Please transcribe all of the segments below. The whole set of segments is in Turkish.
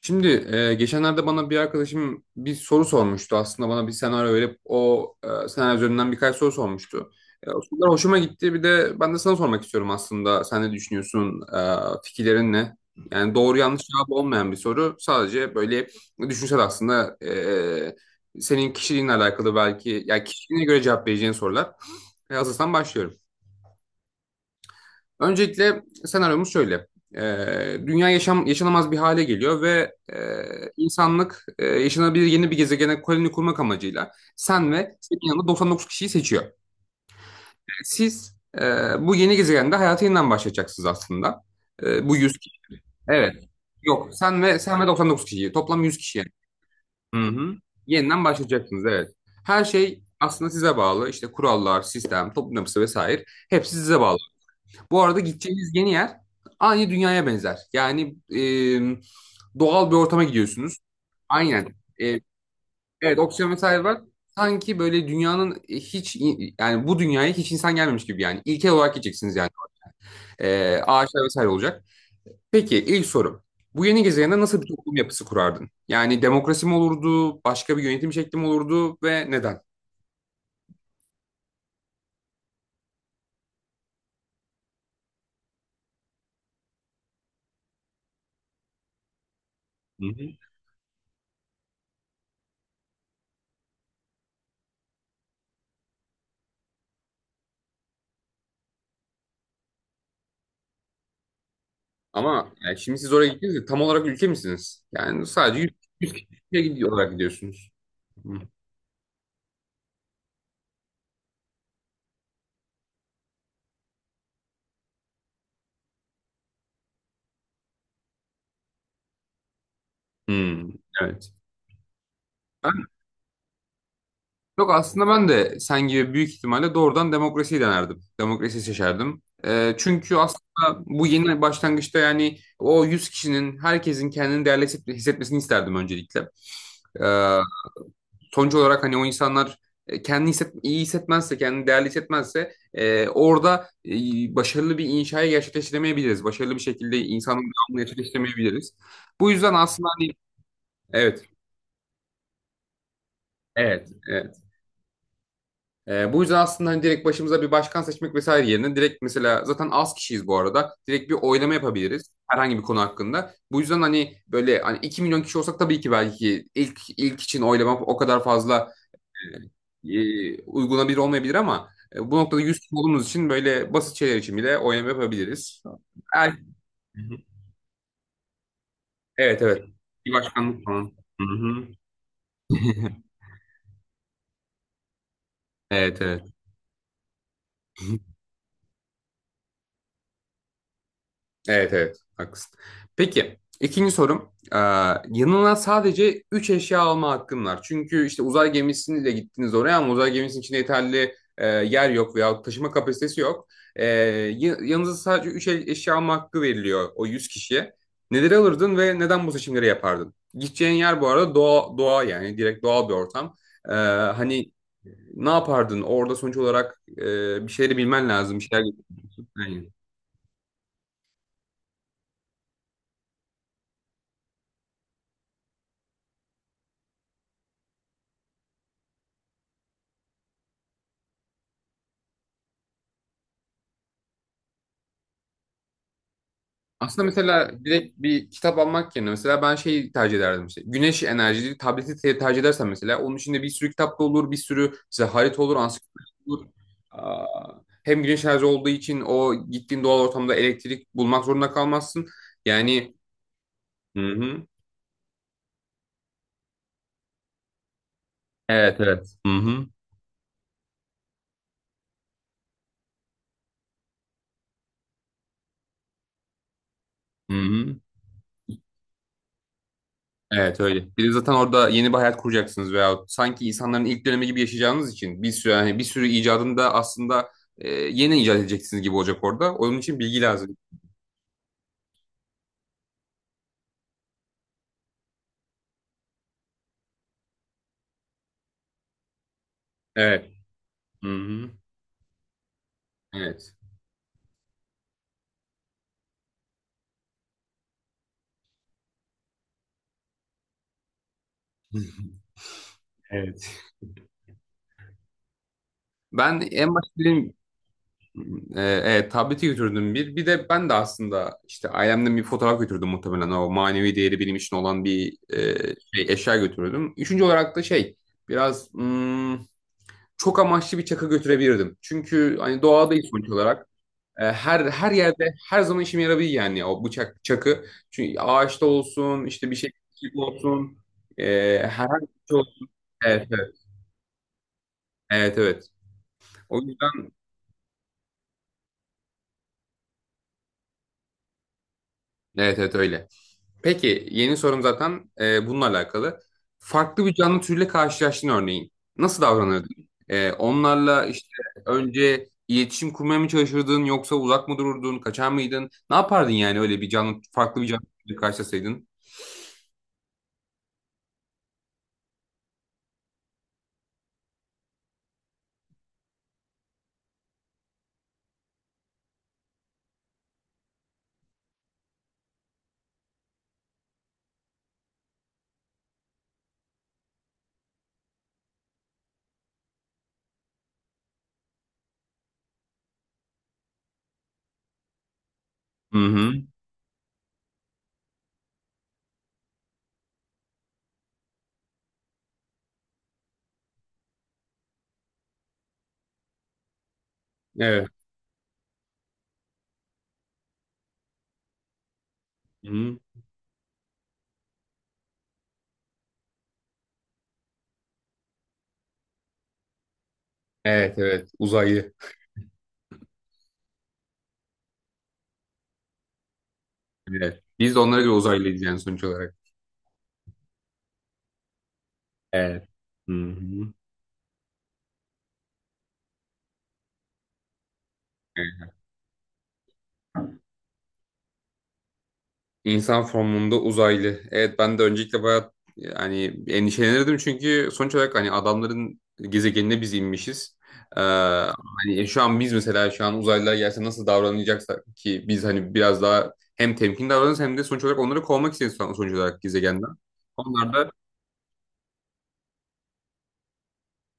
Şimdi geçenlerde bana bir arkadaşım bir soru sormuştu. Aslında bana bir senaryo verip o senaryo üzerinden birkaç soru sormuştu. O sorular hoşuma gitti. Bir de ben de sana sormak istiyorum aslında. Sen ne düşünüyorsun? Fikirlerin ne? Yani doğru yanlış cevap olmayan bir soru. Sadece böyle düşünsel aslında, senin kişiliğinle alakalı belki, ya yani kişiliğine göre cevap vereceğin sorular. Hazırsan başlıyorum. Öncelikle senaryomuz şöyle. Dünya yaşam, yaşanamaz bir hale geliyor ve insanlık yaşanabilir yeni bir gezegene koloni kurmak amacıyla sen ve senin yanında 99 kişiyi seçiyor. Siz e, bu yeni gezegende hayata yeniden başlayacaksınız aslında. Bu 100 kişi. Evet. Yok, sen ve 99 kişi. Toplam 100 kişi yani. Hı hı. Yeniden başlayacaksınız, evet. Her şey aslında size bağlı. İşte kurallar, sistem, toplum yapısı vesaire. Hepsi size bağlı. Bu arada gideceğiniz yeni yer aynı dünyaya benzer. Yani e, doğal bir ortama gidiyorsunuz. Aynen. E, evet, oksijen vesaire var. Sanki böyle dünyanın hiç, yani bu dünyaya hiç insan gelmemiş gibi yani. İlkel olarak gideceksiniz yani. Ağaçlar vesaire olacak. Peki, ilk sorum: Bu yeni gezegende nasıl bir toplum yapısı kurardın? Yani demokrasi mi olurdu, başka bir yönetim şekli mi olurdu ve neden? Hı hı. Ama yani şimdi siz oraya gittiniz de tam olarak ülke misiniz? Yani sadece 100, 100 kişiye gidiyor olarak gidiyorsunuz. Hmm, evet. Ben, Yok, aslında ben de sen gibi büyük ihtimalle doğrudan demokrasiyi denerdim. Demokrasiyi seçerdim. Çünkü aslında bu yeni başlangıçta, yani o 100 kişinin, herkesin, kendini değerli hissetmesini isterdim öncelikle. Ee, Sonuç olarak hani o insanlar kendini iyi hissetmezse, kendini değerli hissetmezse, orada başarılı bir inşayı gerçekleştiremeyebiliriz. Başarılı bir şekilde insanın devamını gerçekleştiremeyebiliriz. Bu yüzden aslında hani evet, evet, evet. Bu yüzden aslında hani direkt başımıza bir başkan seçmek vesaire yerine, direkt mesela, zaten az kişiyiz bu arada. Direkt bir oylama yapabiliriz herhangi bir konu hakkında. Bu yüzden hani böyle, hani 2 milyon kişi olsak tabii ki belki ilk için oylama o kadar fazla uygulanabilir olmayabilir ama bu noktada 100 kişi olduğumuz için böyle basit şeyler için bile oylama yapabiliriz. Er- Evet, evet. Bir başkanlık falan. Hı hı. Evet evet. Evet evet, haklısın. Peki, ikinci sorum. Yanına sadece 3 eşya alma hakkın var. Çünkü işte uzay gemisiyle gittiniz oraya ama uzay gemisinin içinde yeterli yer yok veya taşıma kapasitesi yok. Yanınıza sadece 3 eşya alma hakkı veriliyor o 100 kişiye. Neleri alırdın ve neden bu seçimleri yapardın? Gideceğin yer bu arada doğa, doğa, yani direkt doğal bir ortam. Ee, Hani ne yapardın? Orada sonuç olarak bir şeyleri bilmen lazım. Bir şeyler... Aslında mesela direkt bir kitap almak yerine mesela ben şeyi tercih ederdim işte. Güneş enerjili tableti tercih edersen, mesela onun içinde bir sürü kitap da olur, bir sürü işte harita olur, ansiklopedi olur. Aa, Hem güneş enerji olduğu için o gittiğin doğal ortamda elektrik bulmak zorunda kalmazsın. Yani hı hı. Evet evet. Hı hı. Hı hı. Evet öyle. Bir de zaten orada yeni bir hayat kuracaksınız veya sanki insanların ilk dönemi gibi yaşayacağınız için bir sürü, yani bir sürü icadını da aslında yeni icat edeceksiniz gibi olacak orada. Onun için bilgi lazım. Evet. Hı-hı. Evet. Evet. Ben en başta dedim, evet, tableti götürdüm bir. Bir de ben de aslında işte ailemden bir fotoğraf götürdüm muhtemelen. O manevi değeri benim için olan bir eşya götürürdüm. Üçüncü olarak da biraz hmm, çok amaçlı bir çakı götürebilirdim. Çünkü hani doğadayız sonuç olarak. Her yerde her zaman işime yarabilir, yani o bıçak çakı. Çünkü ağaçta olsun, işte bir şey olsun. E, Herhangi bir şey olsun. Evet evet. Evet evet. O yüzden evet evet öyle. Peki, yeni sorum zaten bununla alakalı. Farklı bir canlı türüyle karşılaştın örneğin. Nasıl davranırdın? Onlarla işte önce iletişim kurmaya mı çalışırdın yoksa uzak mı dururdun? Kaçar mıydın? Ne yapardın yani öyle bir canlı, farklı bir canlı türüyle karşılaşsaydın? Hı hı. Evet. Hı hı. Evet evet, uzaylı. Evet. Biz de onlara göre uzaylıyız yani sonuç olarak. Evet. Hı hı. İnsan formunda uzaylı. Evet, ben de öncelikle bayağı, yani endişelenirdim çünkü sonuç olarak hani adamların gezegenine biz inmişiz. Hani, şu an uzaylılar gelse nasıl davranacaksak, ki biz hani biraz daha hem temkin davranırız hem de sonuç olarak onları kovmak istiyoruz sonuç olarak gezegenden. Onlar da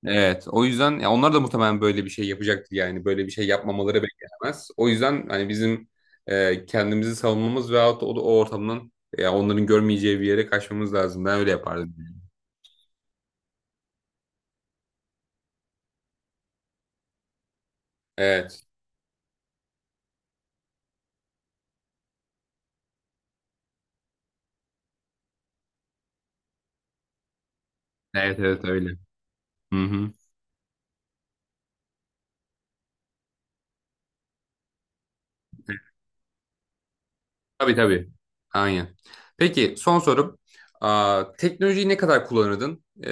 Evet, o yüzden ya onlar da muhtemelen böyle bir şey yapacaktır, yani böyle bir şey yapmamaları beklenemez. O yüzden hani bizim kendimizi savunmamız veyahut da o ortamdan, ya onların görmeyeceği bir yere kaçmamız lazım. Ben öyle yapardım. Evet, evet, evet öyle. Hı hı. Tabii tabii. Aynen. Peki, son sorum. Teknolojiyi ne kadar kullanırdın?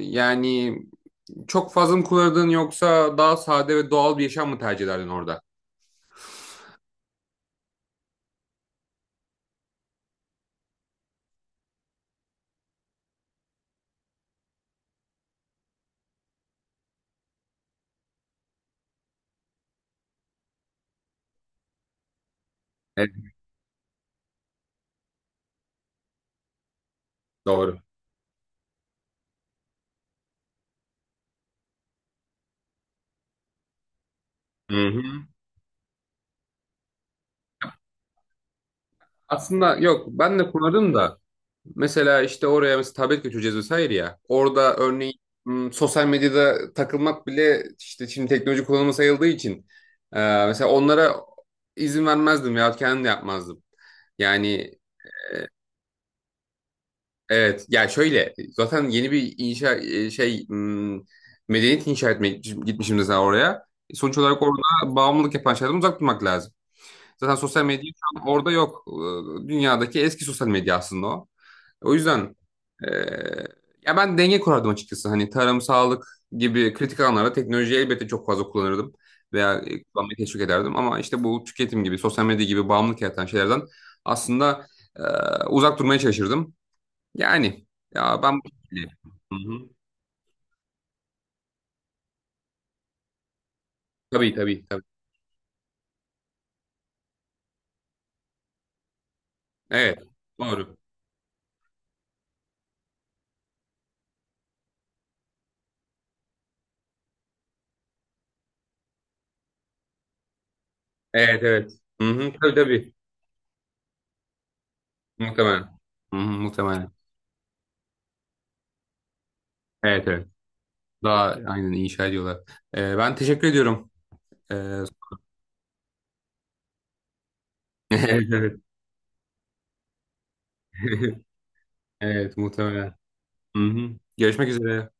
Yani çok fazla mı kullanırdın yoksa daha sade ve doğal bir yaşam mı tercih ederdin orada? Evet, doğru. Hı hı. Aslında yok, ben de kurarım da, mesela işte oraya mesela tablet götüreceğiz vesaire ya. Orada örneğin sosyal medyada takılmak bile işte şimdi teknoloji kullanımı sayıldığı için e, mesela onlara izin vermezdim veyahut kendim de yapmazdım. Yani evet, ya şöyle, zaten yeni bir inşa e, şey m, medeniyet inşa etmeye gitmişim mesela oraya. Sonuç olarak orada bağımlılık yapan şeylerden uzak durmak lazım. Zaten sosyal medya şu an orada yok. Dünyadaki eski sosyal medya aslında o. O yüzden e, ya ben denge kurardım açıkçası. Hani tarım, sağlık gibi kritik alanlarda teknolojiyi elbette çok fazla kullanırdım veya kullanmayı teşvik ederdim. Ama işte bu tüketim gibi, sosyal medya gibi bağımlılık yaratan şeylerden aslında e, uzak durmaya çalışırdım. Yani ya ben Hı-hı. Tabii tabii tabii. Evet. Doğru. Evet evet. Hı-hı. Tabii tabii. Muhtemelen. Hı-hı, muhtemelen. Evet evet. Daha aynen, inşa ediyorlar. Ben teşekkür ediyorum. E, evet evet. Evet muhtemelen. Hı hı. Görüşmek üzere.